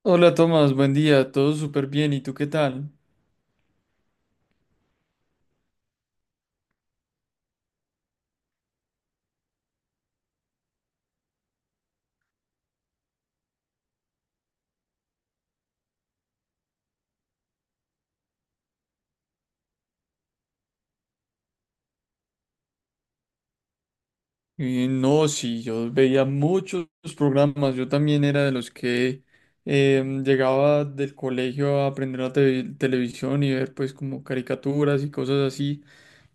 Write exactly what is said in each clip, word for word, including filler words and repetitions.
Hola Tomás, buen día, todo súper bien, ¿y tú qué tal? Eh, no, sí, yo veía muchos programas. Yo también era de los que em, llegaba del colegio a aprender la te- televisión y ver pues como caricaturas y cosas así,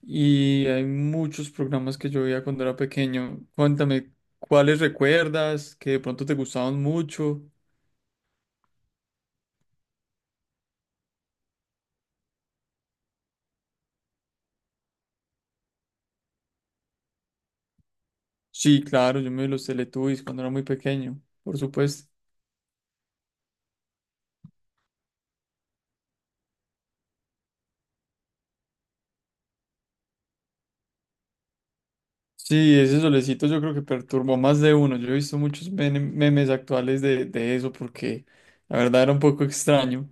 y hay muchos programas que yo veía cuando era pequeño. Cuéntame, ¿cuáles recuerdas que de pronto te gustaban mucho? Sí, claro, yo me vi los Teletubbies cuando era muy pequeño, por supuesto. Sí, ese solecito yo creo que perturbó a más de uno. Yo he visto muchos mene- memes actuales de, de eso porque la verdad era un poco extraño.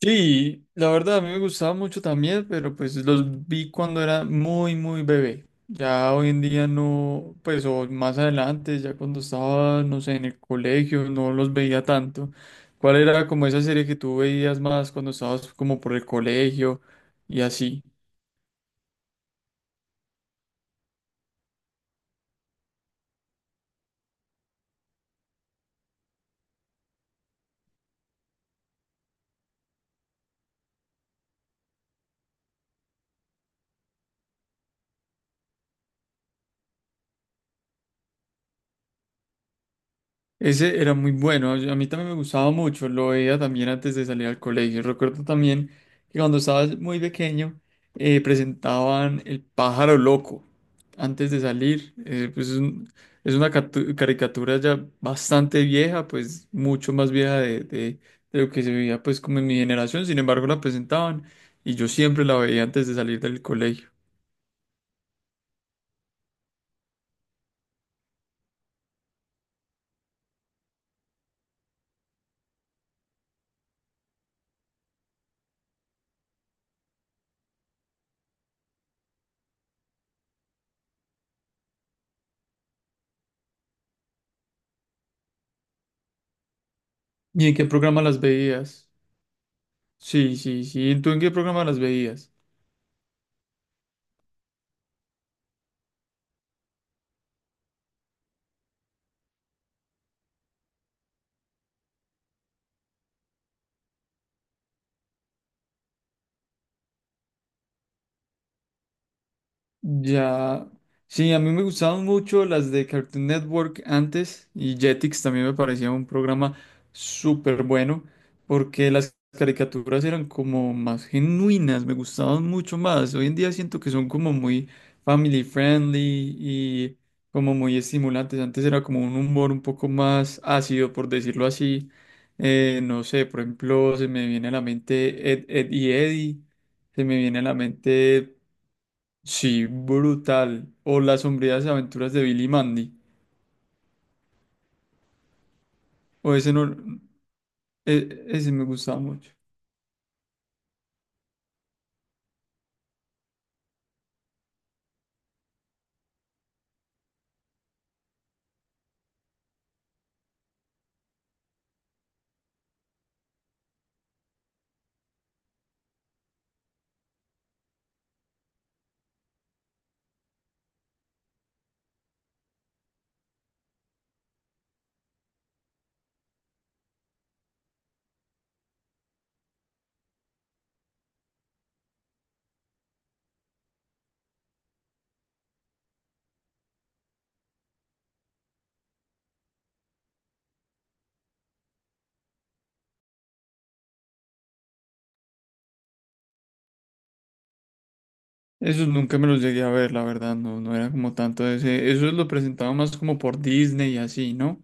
Sí, la verdad a mí me gustaba mucho también, pero pues los vi cuando era muy, muy bebé. Ya hoy en día no, pues o más adelante, ya cuando estaba, no sé, en el colegio, no los veía tanto. ¿Cuál era como esa serie que tú veías más cuando estabas como por el colegio y así? Ese era muy bueno, yo- a mí también me gustaba mucho, lo veía también antes de salir al colegio. Recuerdo también que cuando estaba muy pequeño eh, presentaban El pájaro loco antes de salir. Eh, pues es un- es una catu- caricatura ya bastante vieja, pues mucho más vieja de, de- de lo que se veía pues como en mi generación. Sin embargo, la presentaban y yo siempre la veía antes de salir del colegio. ¿Y en qué programa las veías? Sí, sí, sí. ¿Tú en qué programa las veías? Ya. Sí, a mí me gustaban mucho las de Cartoon Network antes, y Jetix también me parecía un programa súper bueno porque las caricaturas eran como más genuinas, me gustaban mucho más. Hoy en día siento que son como muy family friendly y como muy estimulantes. Antes era como un humor un poco más ácido, por decirlo así. Eh, no sé, por ejemplo, se me viene a la mente Ed, Ed y Eddie, se me viene a la mente. Sí, brutal. O Las sombrías aventuras de Billy y Mandy. O ese no, e- ese me gustaba mucho. Esos nunca me los llegué a ver, la verdad, no, no era como tanto de ese. Eso lo presentaba más como por Disney y así, ¿no?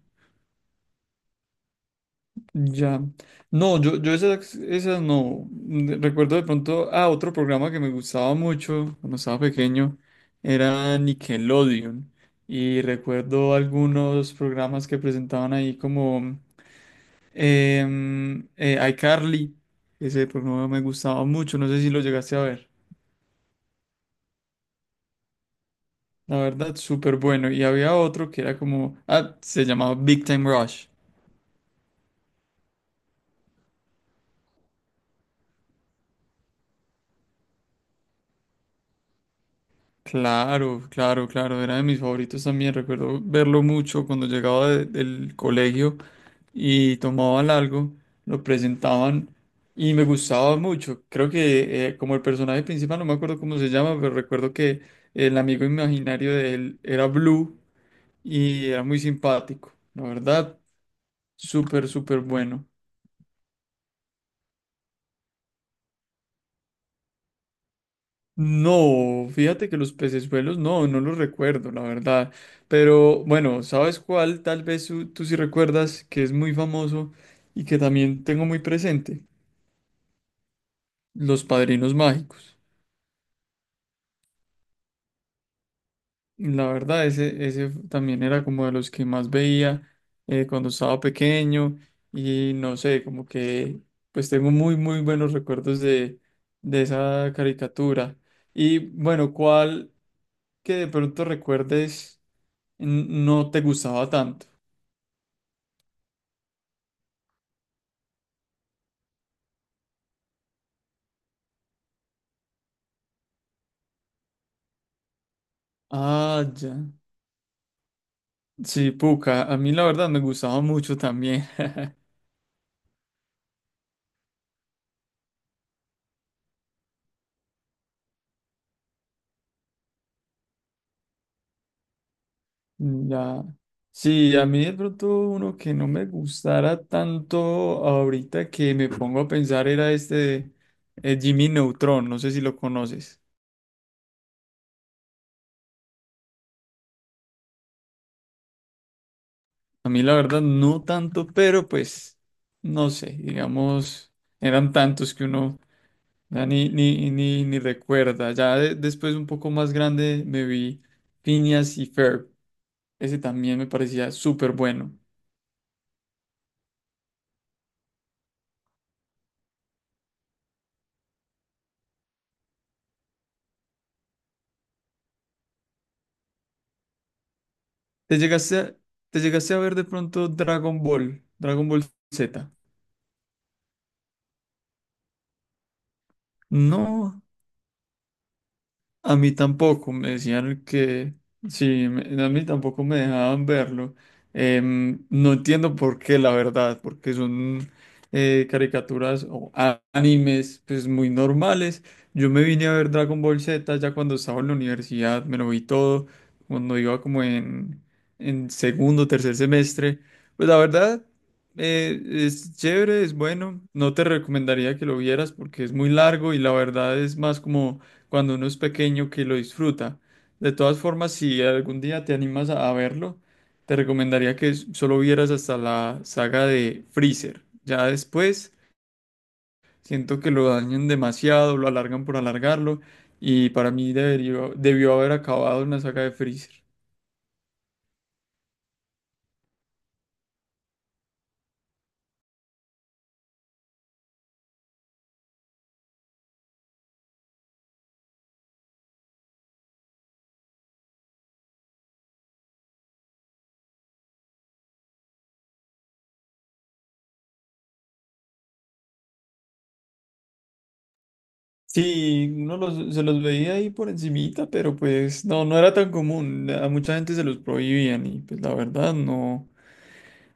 Ya. No, yo, yo esas, esas no. Mm, Recuerdo de pronto, ah, otro programa que me gustaba mucho cuando estaba pequeño era Nickelodeon. Y recuerdo algunos programas que presentaban ahí como Em, eh, iCarly, ese programa me gustaba mucho, no sé si lo llegaste a ver. La verdad, súper bueno. Y había otro que era como, ah, se llamaba Big Time Rush. Claro, claro, claro, era de mis favoritos también. Recuerdo verlo mucho cuando llegaba de- del colegio y tomaban algo, lo presentaban y me gustaba mucho. Creo que eh, como el personaje principal, no me acuerdo cómo se llama, pero recuerdo que el amigo imaginario de él era Blue y era muy simpático, la verdad, súper, súper bueno. No, fíjate que los pecesuelos no, no los recuerdo, la verdad. Pero bueno, ¿sabes cuál? Tal vez tú, tú sí recuerdas que es muy famoso y que también tengo muy presente, los padrinos mágicos. La verdad, ese, ese también era como de los que más veía eh, cuando estaba pequeño y no sé, como que pues tengo muy, muy buenos recuerdos de, de esa caricatura. Y bueno, ¿cuál que de pronto recuerdes n- no te gustaba tanto? Ah, ya. Sí, Puka, a mí la verdad me gustaba mucho también. Mm, Ya. Sí, a mí de pronto uno que no me gustara tanto ahorita que me pongo a pensar era este eh, Jimmy Neutron, no sé si lo conoces. A mí la verdad no tanto, pero pues no sé, digamos, eran tantos que uno ya ni, ni, ni, ni recuerda. Ya de- después un poco más grande me vi Phineas y Ferb, ese también me parecía súper bueno. ¿Te llegaste a, te llegaste a ver de pronto Dragon Ball, Dragon Ball Z? No, a mí tampoco. Me decían que sí, me- a mí tampoco me dejaban verlo. Em, no entiendo por qué, la verdad, porque son eh, caricaturas o a- animes pues muy normales. Yo me vine a ver Dragon Ball Z ya cuando estaba en la universidad, me lo vi todo, cuando iba como en, en segundo, tercer semestre. Pues la verdad, eh, es chévere, es bueno. No te recomendaría que lo vieras porque es muy largo y la verdad es más como cuando uno es pequeño que lo disfruta. De todas formas, si algún día te animas a, a verlo, te recomendaría que s- solo vieras hasta la saga de Freezer. Ya después siento que lo dañan demasiado, lo alargan por alargarlo y para mí debería- debió haber acabado en la saga de Freezer. Sí, uno los- se los veía ahí por encimita, pero pues no, no era tan común. A mucha gente se los prohibían y pues la verdad no.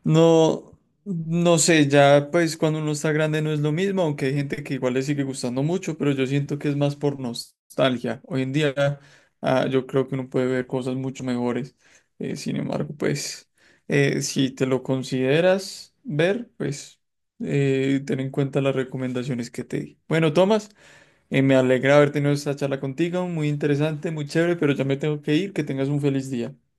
No, no sé, ya pues cuando uno está grande no es lo mismo, aunque hay gente que igual le sigue gustando mucho, pero yo siento que es más por nostalgia. Hoy en día ah, yo creo que uno puede ver cosas mucho mejores. Eh, sin embargo, pues eh, si te lo consideras ver, pues eh, ten en cuenta las recomendaciones que te di. Bueno, Tomás, eh, me alegra haber tenido esta charla contigo, muy interesante, muy chévere, pero ya me tengo que ir, que tengas un feliz día.